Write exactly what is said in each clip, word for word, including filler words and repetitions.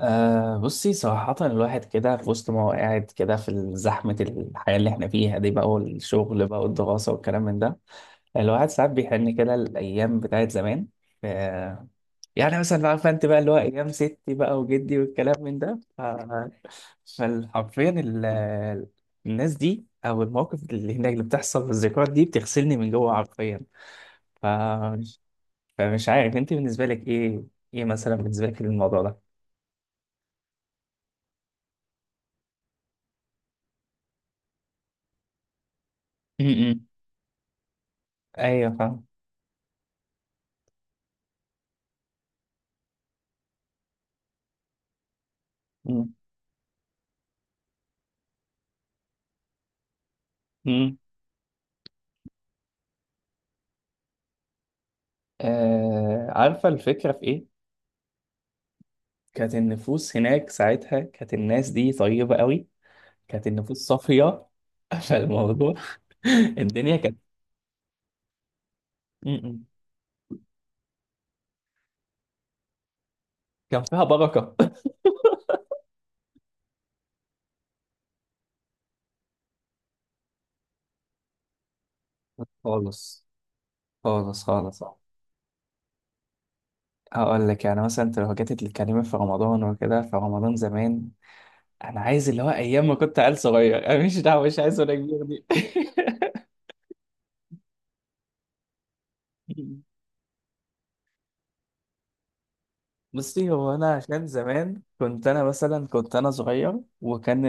أه بصي صراحة الواحد كده في وسط ما هو قاعد كده في زحمة الحياة اللي احنا فيها دي بقى، والشغل بقى والدراسة والكلام من ده. الواحد ساعات بيحن كده الأيام بتاعت زمان. أه، يعني مثلا بقى عارفة أنت بقى اللي هو أيام ستي بقى وجدي والكلام من ده ف... فحرفيا ال... الناس دي أو المواقف اللي هناك اللي بتحصل والذكريات دي بتغسلني من جوه حرفيا. ف... فمش عارف أنت بالنسبة لك إيه، إيه مثلا بالنسبة لك الموضوع ده؟ م- م. أيوه، فاهم. مم. آه، عارفة الفكرة في إيه؟ كانت النفوس هناك ساعتها، كانت الناس دي طيبة قوي، كانت النفوس صافية. فالموضوع الدنيا كانت. م- م. كان فيها بركة. خالص. خالص خالص. هقول لك يعني مثلا انت لو جيت تتكلمي في رمضان وكده، في رمضان زمان انا عايز اللي هو ايام ما كنت عيل صغير، انا مش دعوه مش عايز ولا كبير دي. بصي، هو انا عشان زمان كنت انا مثلا، كنت انا صغير وكان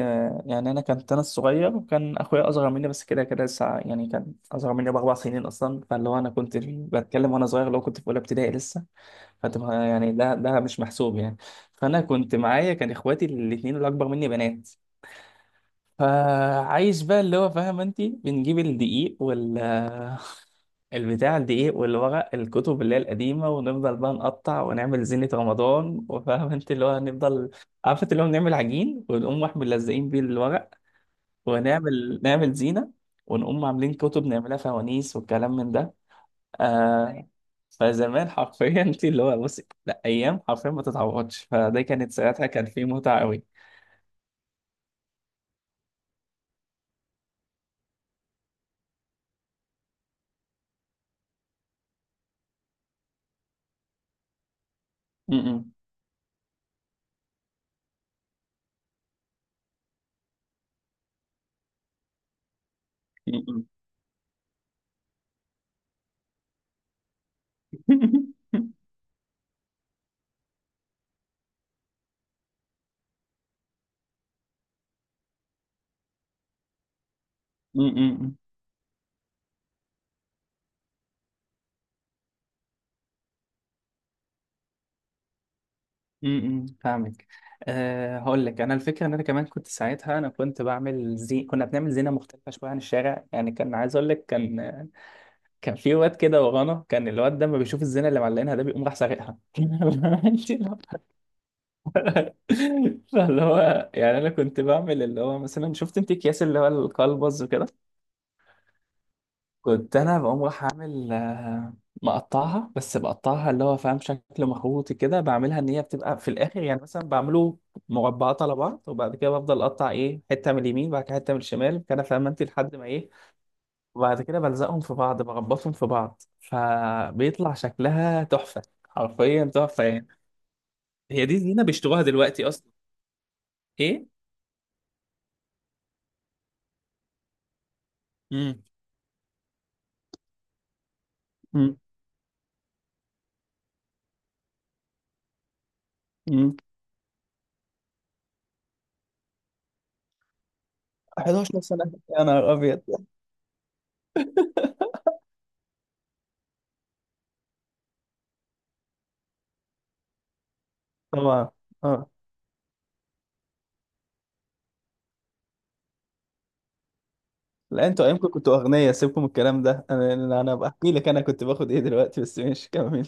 يعني انا كنت انا الصغير، وكان اخويا اصغر مني بس كده كده لسه، يعني كان اصغر مني باربع سنين اصلا، فاللي هو انا كنت بتكلم وانا صغير لو كنت في اولى ابتدائي لسه. فانت ما- يعني ده ده مش محسوب يعني. فانا كنت معايا كان اخواتي الاثنين اللي اكبر مني بنات. فعايش بقى، اللي هو فاهم انت، بنجيب الدقيق وال البتاع، الدقيق والورق الكتب اللي هي القديمة، ونفضل بقى نقطع ونعمل زينة رمضان، وفاهم انت اللي هو هنفضل. عارفة اللي هو بنعمل عجين ونقوم واحد ملزقين بيه الورق، ونعمل نعمل زينة، ونقوم عاملين كتب نعملها فوانيس والكلام من ده. آه. فزمان حرفيا انت اللي هو، بصي لا أيام حرفيا ما تتعوضش، فده كانت ساعتها كان فيه متعة قوي. م- م- م- م. م- م- م. امم، فاهمك. أه هقول لك انا الفكره ان انا كمان كنت ساعتها انا كنت بعمل، زي كنا بنعمل زينه مختلفه شويه عن الشارع، يعني كان عايز اقول لك كان، كان في واد كده ورانا كان الواد ده ما بيشوف الزينه اللي معلقينها ده بيقوم راح سارقها. انت لو- فاللي هو يعني انا كنت بعمل اللي هو، مثلا شفت انت اكياس اللي هو القلبز وكده، كنت انا بقوم راح اعمل آه، مقطعها، بس بقطعها اللي هو فاهم شكل مخروطي كده، بعملها ان هي بتبقى في الاخر يعني، مثلا بعمله مربعات على بعض، وبعد كده بفضل اقطع ايه حته من اليمين، بعد كده حته من الشمال كده، فاهم انت لحد ما ايه، وبعد كده بلزقهم في بعض، بربطهم في بعض، فبيطلع شكلها تحفه، حرفيا تحفه يعني. هي دي زينه بيشتروها دلوقتي اصلا. ايه. امم. امم. حداشر سنه؟ يا نهار ابيض. طبعا. اه. لا انتوا ايامكم كنتوا اغنياء، سيبكم من الكلام ده، انا انا أنا بحكي لك انا كنت باخد ايه دلوقتي، بس ماشي، كمل.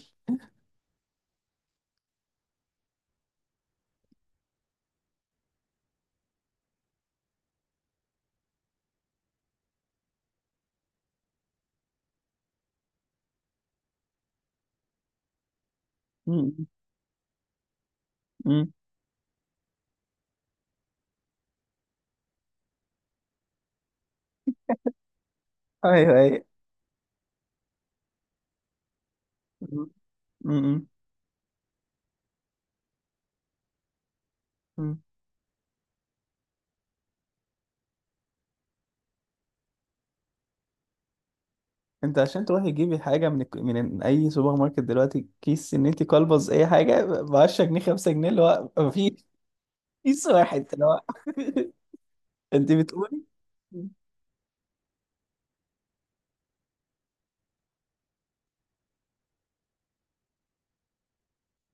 مم. مم. ايوه ايوه. مم. مم. مم. انت عشان تروحي تجيبي حاجه من الك- من اي سوبر ماركت دلوقتي، كيس ان انت كلبز اي حاجه ب عشرة جنيه، خمسة جنيه اللي هو مفيش، كيس واحد اللي هو. انت بتقولي.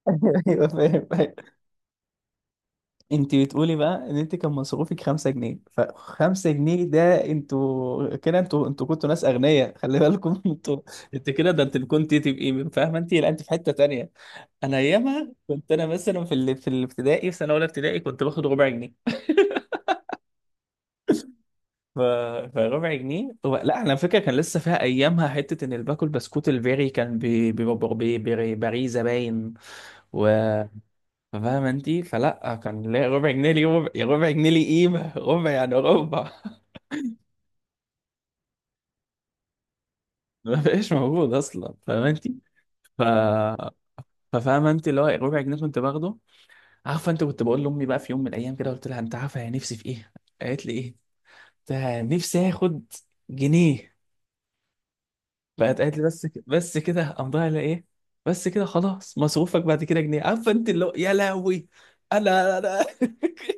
ايوه، أيوة، فاهم. انت بتقولي بقى ان انت كان مصروفك خمسة جنيه، فخمسة جنيه ده، انتوا كده، انتوا انتوا كنتوا ناس اغنياء، خلي بالكم. انتوا انت كده، ده انت كنت تبقي فاهمه انت، لا انت في حته تانية. انا ايامها كنت انا مثلا في ال... في الابتدائي، في سنه اولى ابتدائي كنت باخد ربع جنيه. ف... فربع جنيه، هو لا احنا على فكره كان لسه فيها ايامها حته ان اللي باكل بسكوت الفيري كان ب... ب... ب... ب... بريزه باين. و... فاهمة انتي، فلا كان ليا ربع جنيه، لي ربع، يا ربع جنيه لي قيمة ربع يعني ربع. ما بقاش موجود اصلا فاهمة انتي. ف ففاهمة انتي اللي هو ربع جنيه كنت باخده. عارفة انت، كنت بقول لأمي بقى في يوم من الأيام، كده قلت لها انت عارفة يا، نفسي في ايه؟ قالت لي ايه؟ قلت لها نفسي اخد جنيه. بقت قالت لي بس ك- بس كده قام ضايع لها ايه؟ بس كده، خلاص مصروفك بعد كده جنيه، عارفة انت اللي هو، يا لهوي. انا انا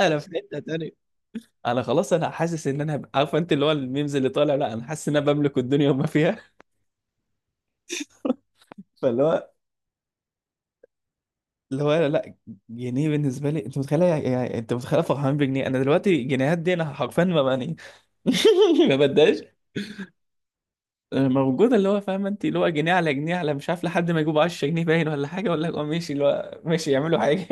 انا في حتة تانية. انا خلاص انا حاسس ان انا هبقى- عارفه انت اللي هو الميمز اللي طالع، لا انا حاسس ان انا بملك الدنيا وما فيها. فاللي هو، اللي هو لا، جنيه بالنسبه لي انت متخيله يعني، انت متخيله فرحان بجنيه، انا دلوقتي جنيهات دي انا حرفيا ما بقى. ما بداش موجوده اللي هو فاهمه انت، اللي هو جنيه على جنيه على مش عارف لحد ما يجيبوا عشرة جنيه باين ولا حاجه ولا هو ماشي اللي هو ماشي يعملوا حاجه.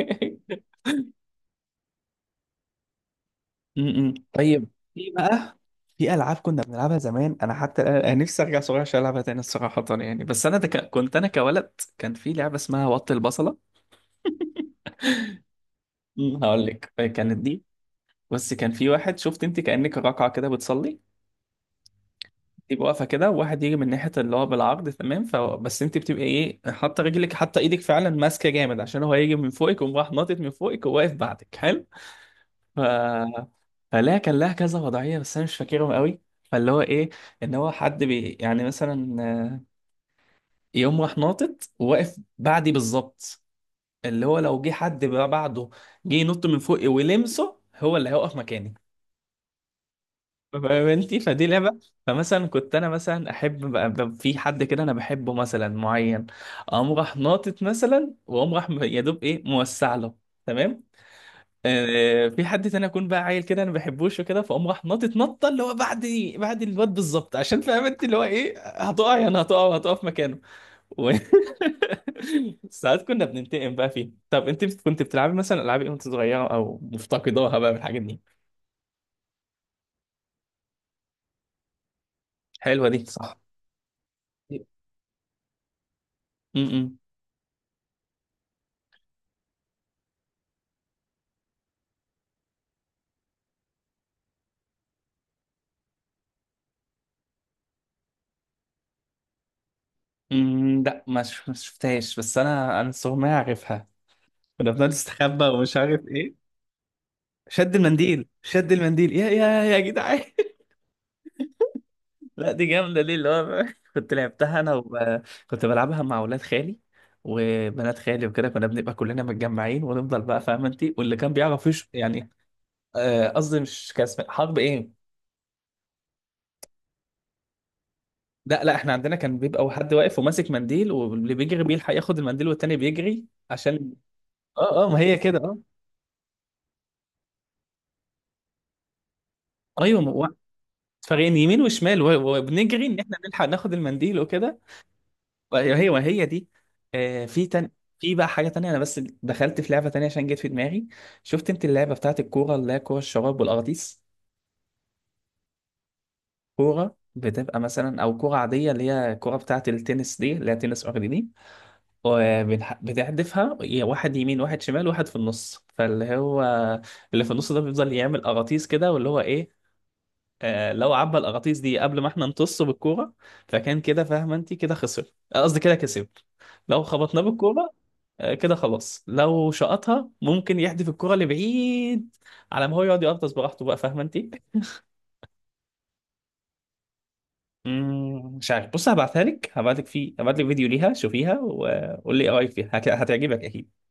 م-م. طيب، في بقى، في العاب كنا بنلعبها زمان انا حتى الآن- أنا نفسي ارجع صغير عشان العبها تاني الصراحه يعني. بس انا ده ك... كنت انا كولد، كان في لعبه اسمها وط البصله. م. هقول لك كانت دي، بس كان في واحد شفت انت كانك راكعه كده بتصلي، تبقى واقفه كده، وواحد يجي من ناحيه اللي هو بالعرض، تمام، فبس انت بتبقى ايه، حاطه رجلك حاطه ايدك فعلا ماسكه جامد، عشان هو هيجي من فوقك وقوم راح ناطط من فوقك وواقف بعدك، حلو. ف فلا كان لها كذا وضعية بس أنا مش فاكرهم قوي. فاللي هو إيه، إن هو حد بي يعني مثلا آه، يقوم راح ناطط وواقف بعدي بالظبط، اللي هو لو جه حد بقى بعده، جه ينط من فوقي ولمسه، هو اللي هيقف مكاني. فاهم انت، فدي لعبة. فمثلا كنت أنا، مثلا أحب بقى، بقى في حد كده أنا بحبه مثلا معين، أقوم راح ناطط مثلا، وأقوم راح م- يا دوب إيه موسع له، تمام. آه، في حد تاني اكون بقى عيل كده انا ما بحبوش وكده، فاقوم راح ناطط نطه اللي هو بعد، بعد الواد بالظبط، عشان فاهم انت اللي هو ايه، هتقع يعني هتقع وهتقع في مكانه. و... ساعات كنا بننتقم بقى فيه. طب انت بت- كنت بتلعبي مثلا العاب ايه وانت صغيره، او مفتقداها بقى من الحاجات دي؟ حلوه دي صح. امم. امم. لا ما ش- ما شفتهاش، بس انا انا الصراحه ما اعرفها. كنا بنقعد نستخبى ومش عارف ايه. شد المنديل، شد المنديل يا يا يا جدعان. لا دي جامدة، دي اللي هو كنت لعبتها أنا وب... كنت بلعبها مع ولاد خالي وبنات خالي وكده، كنا بنبقى كلنا متجمعين ونفضل بقى فاهمة أنت، واللي كان بيعرف يش يعني. آه، قصدي مش كان اسمها حرب إيه؟ لا لا إحنا عندنا كان بيبقى حد واقف وماسك منديل، واللي بيجري بيلحق ياخد المنديل، والتاني بيجري عشان. أه أه ما هي كده، أه. أيوه ما هو- فريقين، يمين وشمال، و- وبنجري إن إحنا نلحق ناخد المنديل وكده. هي هي هي دي. آه، في تن في بقى حاجة تانية، أنا بس دخلت في لعبة تانية عشان جت في دماغي. شفت أنت اللعبة بتاعت الكورة اللي هي كورة الشراب والأغطيس؟ كورة بتبقى مثلا، أو كورة عادية اللي هي الكورة بتاعت التنس دي اللي هي تنس أرضي دي، وبنح- بتحدفها يا واحد يمين واحد شمال، واحد في النص، فاللي هو اللي في النص ده بيفضل يعمل أغاطيس كده، واللي هو إيه آه، لو عبى الأغاطيس دي قبل ما إحنا نطص بالكورة، فكان كده فاهمة أنت كده خسر، آه، قصدي كده كسب لو خبطناه بالكورة. آه، كده خلاص، لو شقطها ممكن يحدف الكرة لبعيد، على ما هو يقعد يقرطس براحته بقى، فاهمة انت؟ مم، مش عارف، بص هبعتها لك، هبعت لك في هبعت لك فيديو ليها شوفيها وقول لي ايه رايك فيها، هت- هتعجبك اكيد.